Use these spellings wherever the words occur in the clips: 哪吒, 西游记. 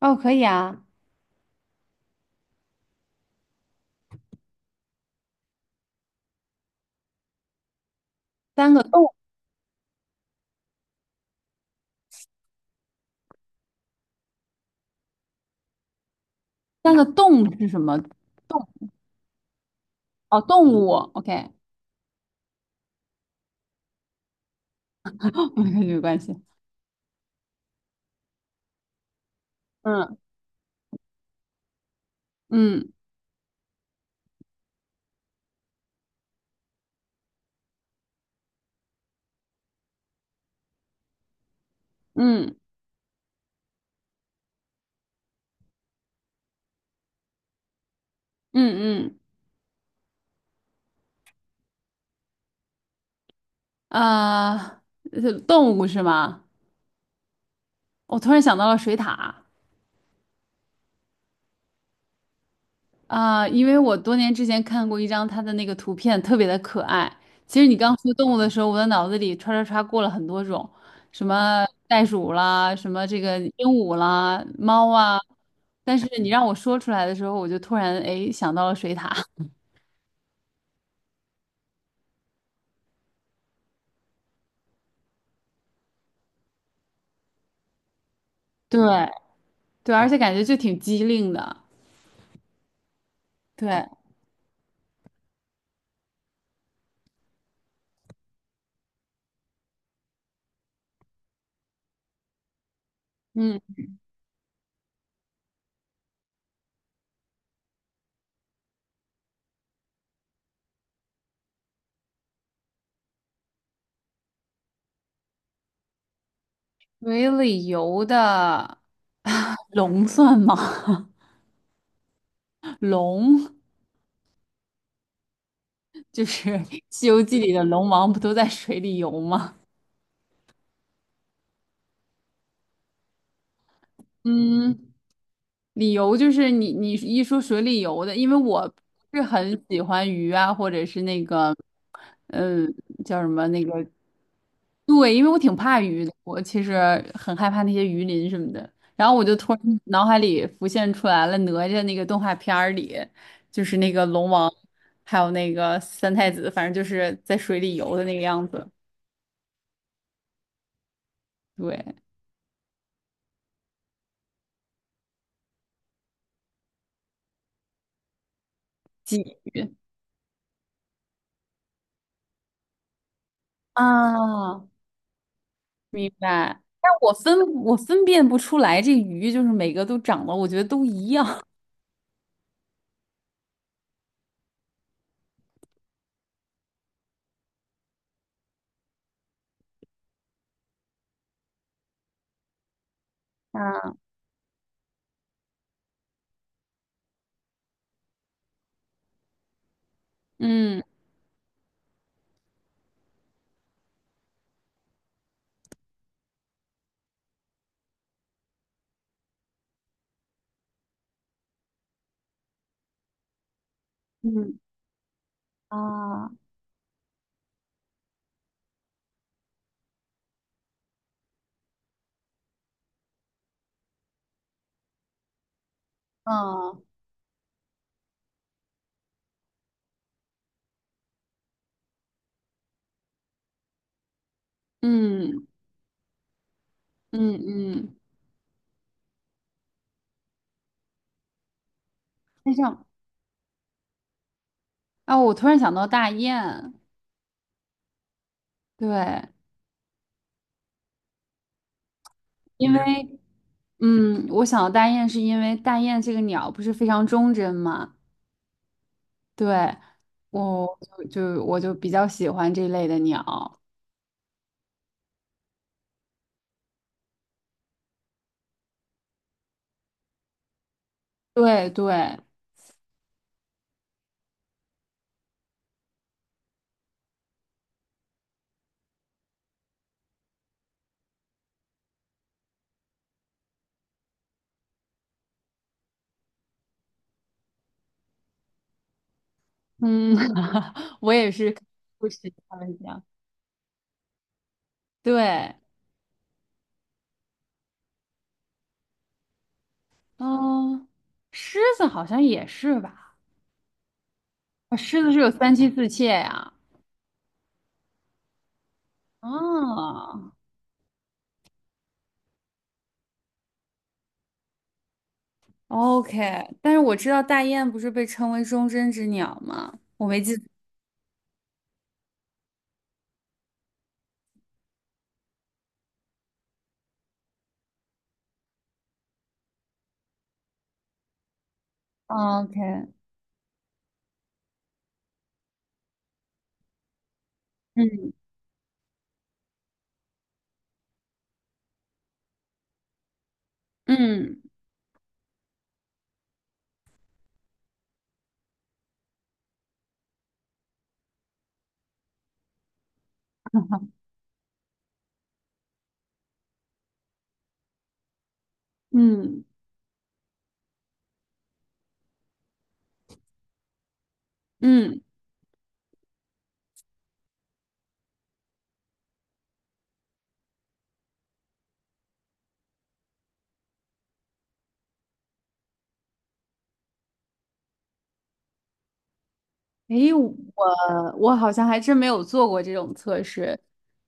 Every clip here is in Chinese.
哦，可以啊。三个动，三个动是什么？动哦，动物。OK，没有关系。嗯嗯嗯嗯嗯，啊，动物是吗？我突然想到了水獭啊，因为我多年之前看过一张它的那个图片，特别的可爱。其实你刚说动物的时候，我的脑子里唰唰唰过了很多种，什么袋鼠啦，什么这个鹦鹉啦，猫啊。但是你让我说出来的时候，我就突然哎想到了水獭。对对，而且感觉就挺机灵的。对，嗯，水里游的龙算吗？龙就是《西游记》里的龙王，不都在水里游吗？嗯，理由就是你一说水里游的，因为我不是很喜欢鱼啊，或者是那个，嗯，叫什么那个对，因为我挺怕鱼的，我其实很害怕那些鱼鳞什么的。然后我就突然嗯脑海里浮现出来了哪吒那个动画片儿里，就是那个龙王，还有那个三太子，反正就是在水里游的那个样子。对，鲫鱼啊，明白。但我分我分辨不出来，这鱼就是每个都长得，我觉得都一样。啊，嗯嗯啊啊嗯嗯嗯，那这样啊，我突然想到大雁。对，因为嗯，我想到大雁是因为大雁这个鸟不是非常忠贞嘛，对，我就比较喜欢这类的鸟，对对，嗯，我也是不喜欢们讲对，嗯，狮子好像也是吧，啊狮子是有三妻四妾呀，啊，OK，但是我知道大雁不是被称为忠贞之鸟吗？我没记，OK，嗯嗯。嗯嗯，诶，我好像还真没有做过这种测试，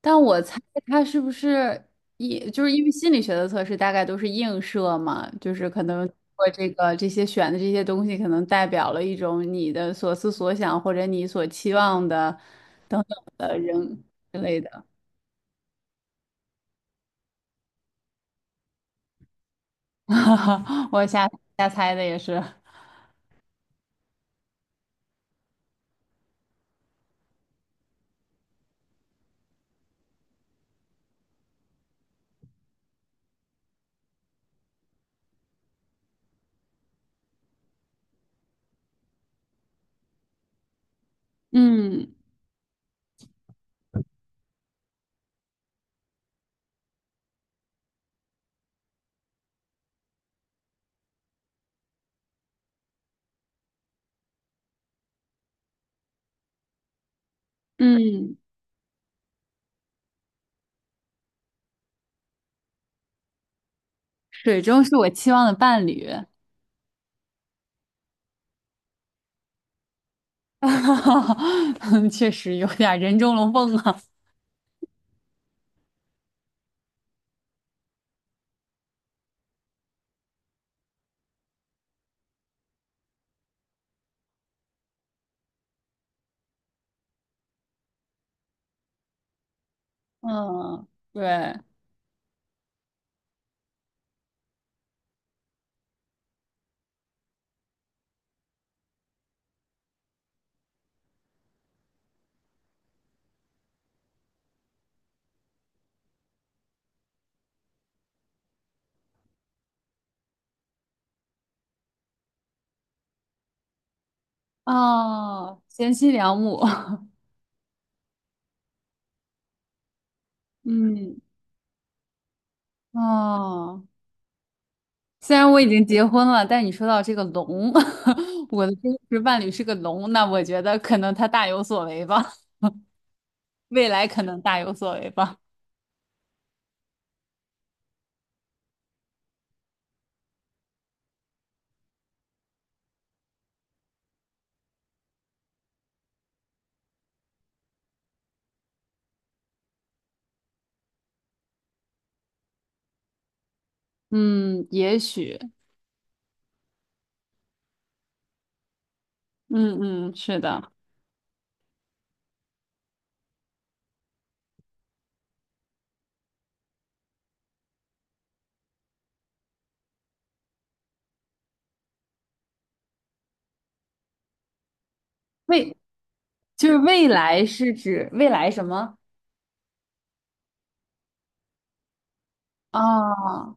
但我猜他是不是一就是因为心理学的测试大概都是映射嘛，就是可能我这个这些选的这些东西可能代表了一种你的所思所想或者你所期望的之类的，我瞎瞎猜的也是，嗯嗯，水中是我期望的伴侣，确实有点人中龙凤啊。嗯，对，哦，贤妻良母，嗯，哦，虽然我已经结婚了，但你说到这个龙，我的真实伴侣是个龙，那我觉得可能他大有所为吧，未来可能大有所为吧，嗯，也许，嗯嗯，是的，未，就是未来是指未来什么？啊？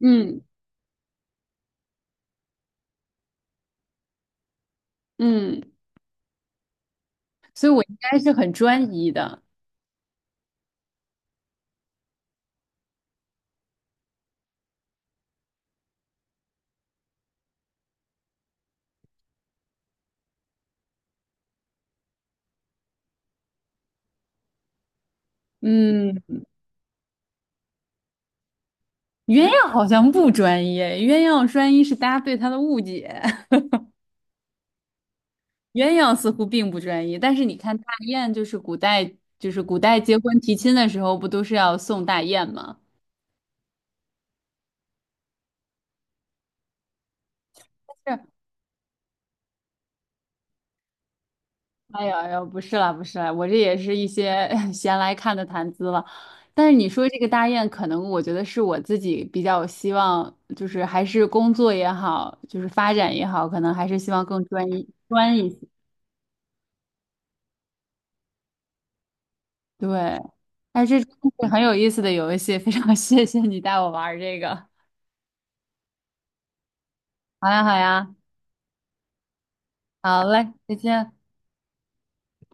嗯嗯，所以我应该是很专一的，嗯。鸳鸯好像不专业，鸳鸯专一是大家对它的误解。鸳鸯似乎并不专一，但是你看大雁，就是古代，就是古代结婚提亲的时候，不都是要送大雁吗？但是，哎呀哎呀，不是啦，不是啦，我这也是一些 闲来看的谈资了。但是你说这个大雁，可能我觉得是我自己比较希望，就是还是工作也好，就是发展也好，可能还是希望更专一些对，哎，这真是很有意思的游戏，非常 谢谢你带我玩儿这个。好呀，好呀，好嘞，再见。